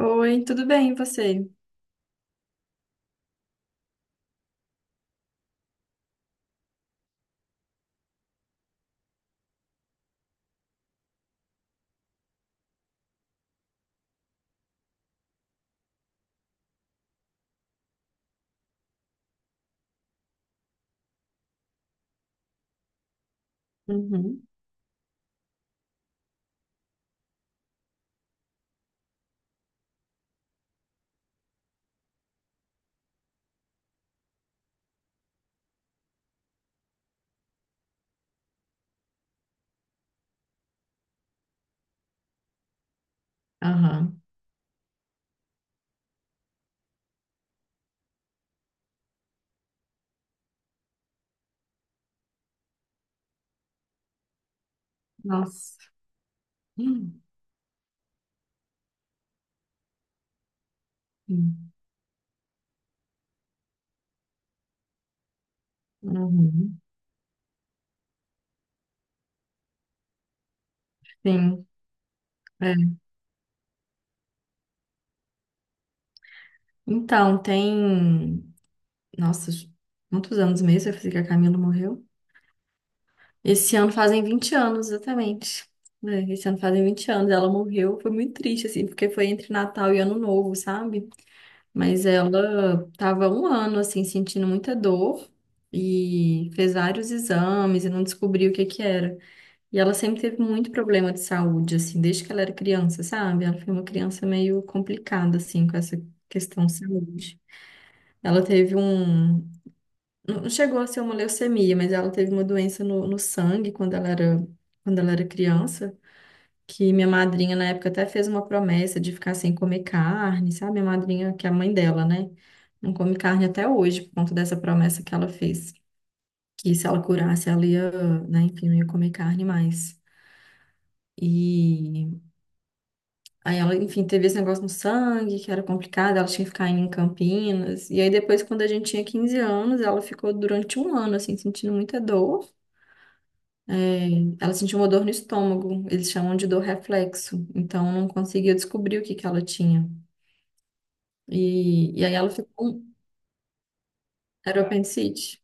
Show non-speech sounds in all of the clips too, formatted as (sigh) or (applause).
Oi, tudo bem, e você? Uhum. Aham. Nossa. Hum, hum. Uhum. Sim, é. Então, tem. Nossa, quantos anos mesmo vai fazer que a Camila morreu? Esse ano fazem 20 anos, exatamente. É, esse ano fazem 20 anos. Ela morreu, foi muito triste, assim, porque foi entre Natal e Ano Novo, sabe? Mas ela tava um ano, assim, sentindo muita dor e fez vários exames e não descobriu o que que era. E ela sempre teve muito problema de saúde, assim, desde que ela era criança, sabe? Ela foi uma criança meio complicada, assim, com essa questão de saúde. Ela teve um. Não chegou a ser uma leucemia, mas ela teve uma doença no sangue quando ela era criança. Que minha madrinha, na época, até fez uma promessa de ficar sem comer carne, sabe? Minha madrinha, que é a mãe dela, né? Não come carne até hoje, por conta dessa promessa que ela fez. Que se ela curasse, ela ia, né, enfim, não ia comer carne mais. E. Aí ela, enfim, teve esse negócio no sangue, que era complicado, ela tinha que ficar indo em Campinas. E aí depois, quando a gente tinha 15 anos, ela ficou durante um ano, assim, sentindo muita dor. É, ela sentiu uma dor no estômago, eles chamam de dor reflexo. Então, não conseguiu descobrir o que que ela tinha. E aí ela ficou... Era o apendicite?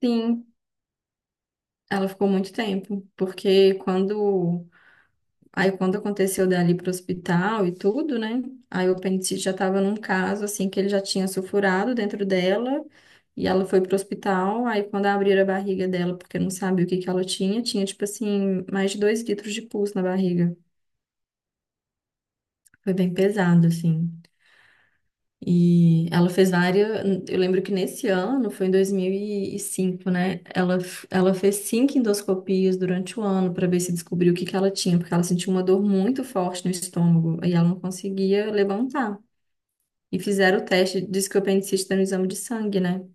Sim, ela ficou muito tempo. Porque quando Aí quando aconteceu dali pro hospital e tudo, né? Aí o apendicite já tava num caso assim que ele já tinha sulfurado dentro dela e ela foi pro hospital. Aí quando abriram a barriga dela, porque não sabia o que que ela tinha, tinha tipo assim mais de 2 litros de pus na barriga. Foi bem pesado assim. E ela fez várias. Eu lembro que nesse ano, foi em 2005, né? Ela fez cinco endoscopias durante o ano para ver se descobriu o que que ela tinha, porque ela sentiu uma dor muito forte no estômago e ela não conseguia levantar. E fizeram o teste, disse que o apendicite está no exame de sangue, né?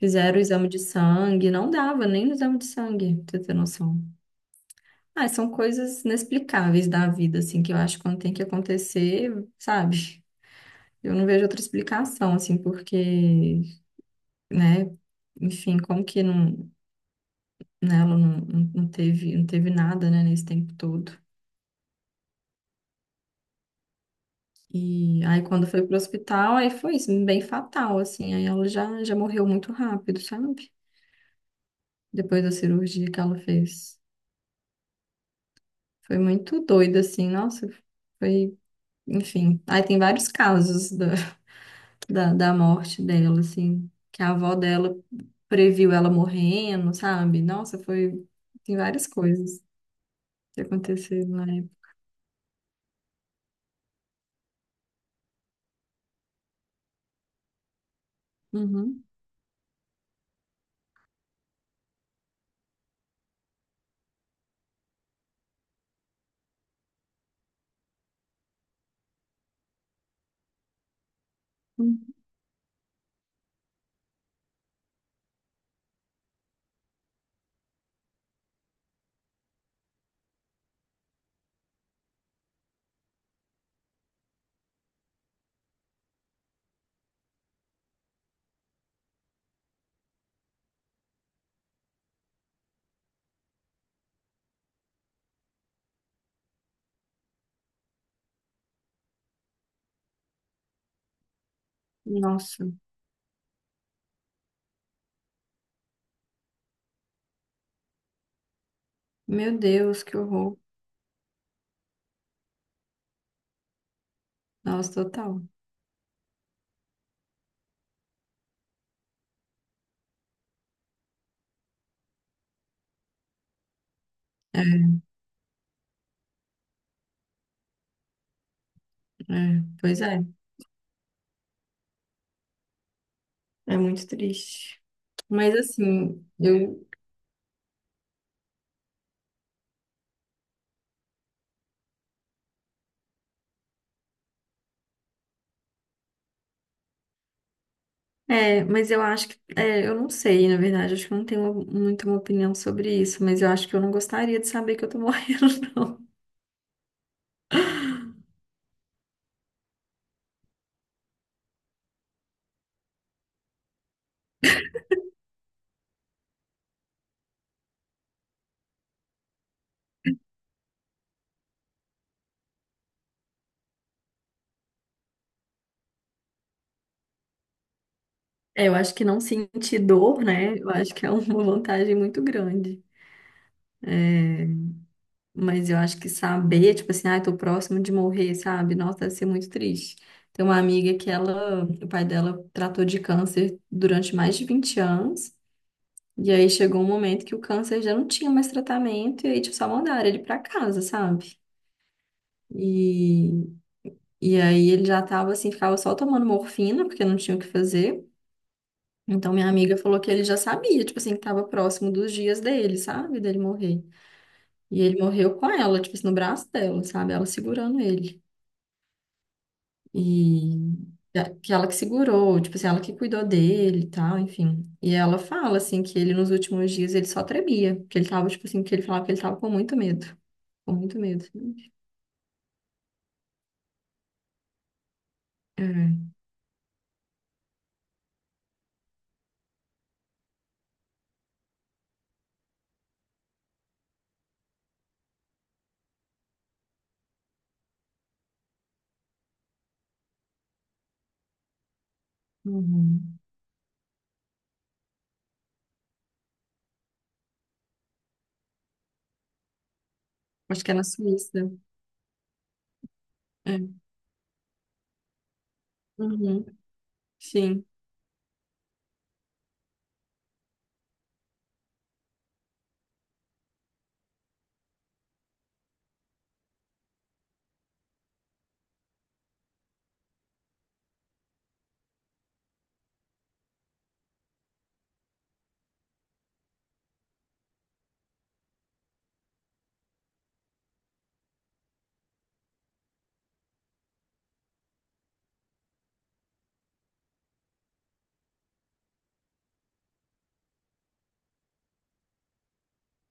Fizeram o exame de sangue, não dava nem no exame de sangue, pra você ter noção. Ah, são coisas inexplicáveis da vida, assim, que eu acho que quando tem que acontecer, sabe? Eu não vejo outra explicação, assim, porque, né? Enfim, como que não, né, ela não teve, não teve nada, né, nesse tempo todo. E aí quando foi pro hospital, aí foi isso, bem fatal, assim. Aí ela já morreu muito rápido, sabe? Depois da cirurgia que ela fez. Foi muito doido, assim, nossa, foi, enfim. Aí tem vários casos da morte dela, assim, que a avó dela previu ela morrendo, sabe? Nossa, foi, tem várias coisas que aconteceram na época. Uhum. Nossa, meu Deus, que horror. Nossa, total. É, é, pois é, é muito triste. Mas assim, eu. É, mas eu acho que. É, eu não sei, na verdade, acho que eu não tenho muito uma opinião sobre isso, mas eu acho que eu não gostaria de saber que eu tô (laughs) morrendo, não. É, eu acho que não sentir dor, né? Eu acho que é uma vantagem muito grande. É, mas eu acho que saber, tipo assim, ai, tô próximo de morrer, sabe? Nossa, deve ser muito triste. Tem uma amiga que ela, o pai dela tratou de câncer durante mais de 20 anos. E aí chegou um momento que o câncer já não tinha mais tratamento, e aí, tipo, só mandaram ele pra casa, sabe? E, e aí ele já tava assim, ficava só tomando morfina, porque não tinha o que fazer. Então minha amiga falou que ele já sabia, tipo assim, que tava próximo dos dias dele, sabe? Dele morrer. E ele morreu com ela, tipo assim, no braço dela, sabe? Ela segurando ele. E que ela que segurou, tipo assim, ela que cuidou dele e tal, enfim. E ela fala, assim, que ele nos últimos dias ele só tremia, que ele tava, tipo assim, que ele falava que ele tava com muito medo, com muito medo. É. Uhum. Acho que é na Suíça. É. Uhum. Sim.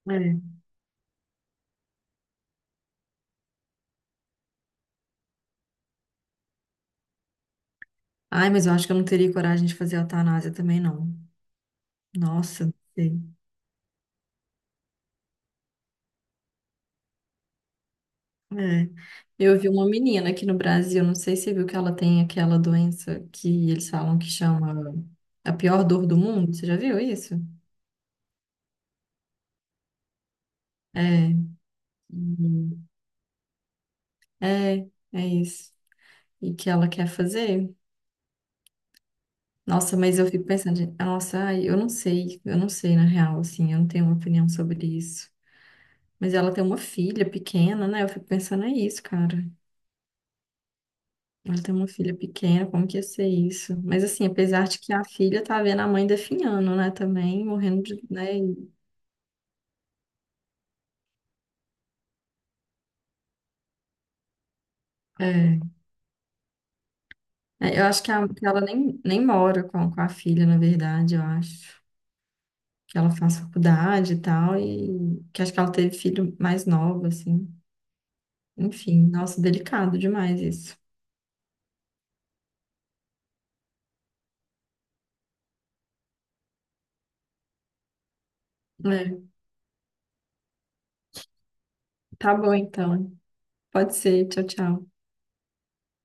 É. Ai, mas eu acho que eu não teria coragem de fazer a eutanásia também, não. Nossa, não sei. É. Eu vi uma menina aqui no Brasil, não sei se você viu que ela tem aquela doença que eles falam que chama a pior dor do mundo. Você já viu isso? É. Uhum. É, é isso. E que ela quer fazer. Nossa, mas eu fico pensando, gente, nossa, ai, eu não sei na real, assim, eu não tenho uma opinião sobre isso. Mas ela tem uma filha pequena, né? Eu fico pensando, é isso, cara. Ela tem uma filha pequena, como que ia ser isso? Mas assim, apesar de que a filha tá vendo a mãe definhando, né, também, morrendo de, né, é. É, eu acho que, que ela nem mora com a filha, na verdade, eu acho. Que ela faz faculdade e tal, e que acho que ela teve filho mais novo, assim. Enfim, nossa, delicado demais isso. É. Tá bom, então. Pode ser, tchau, tchau.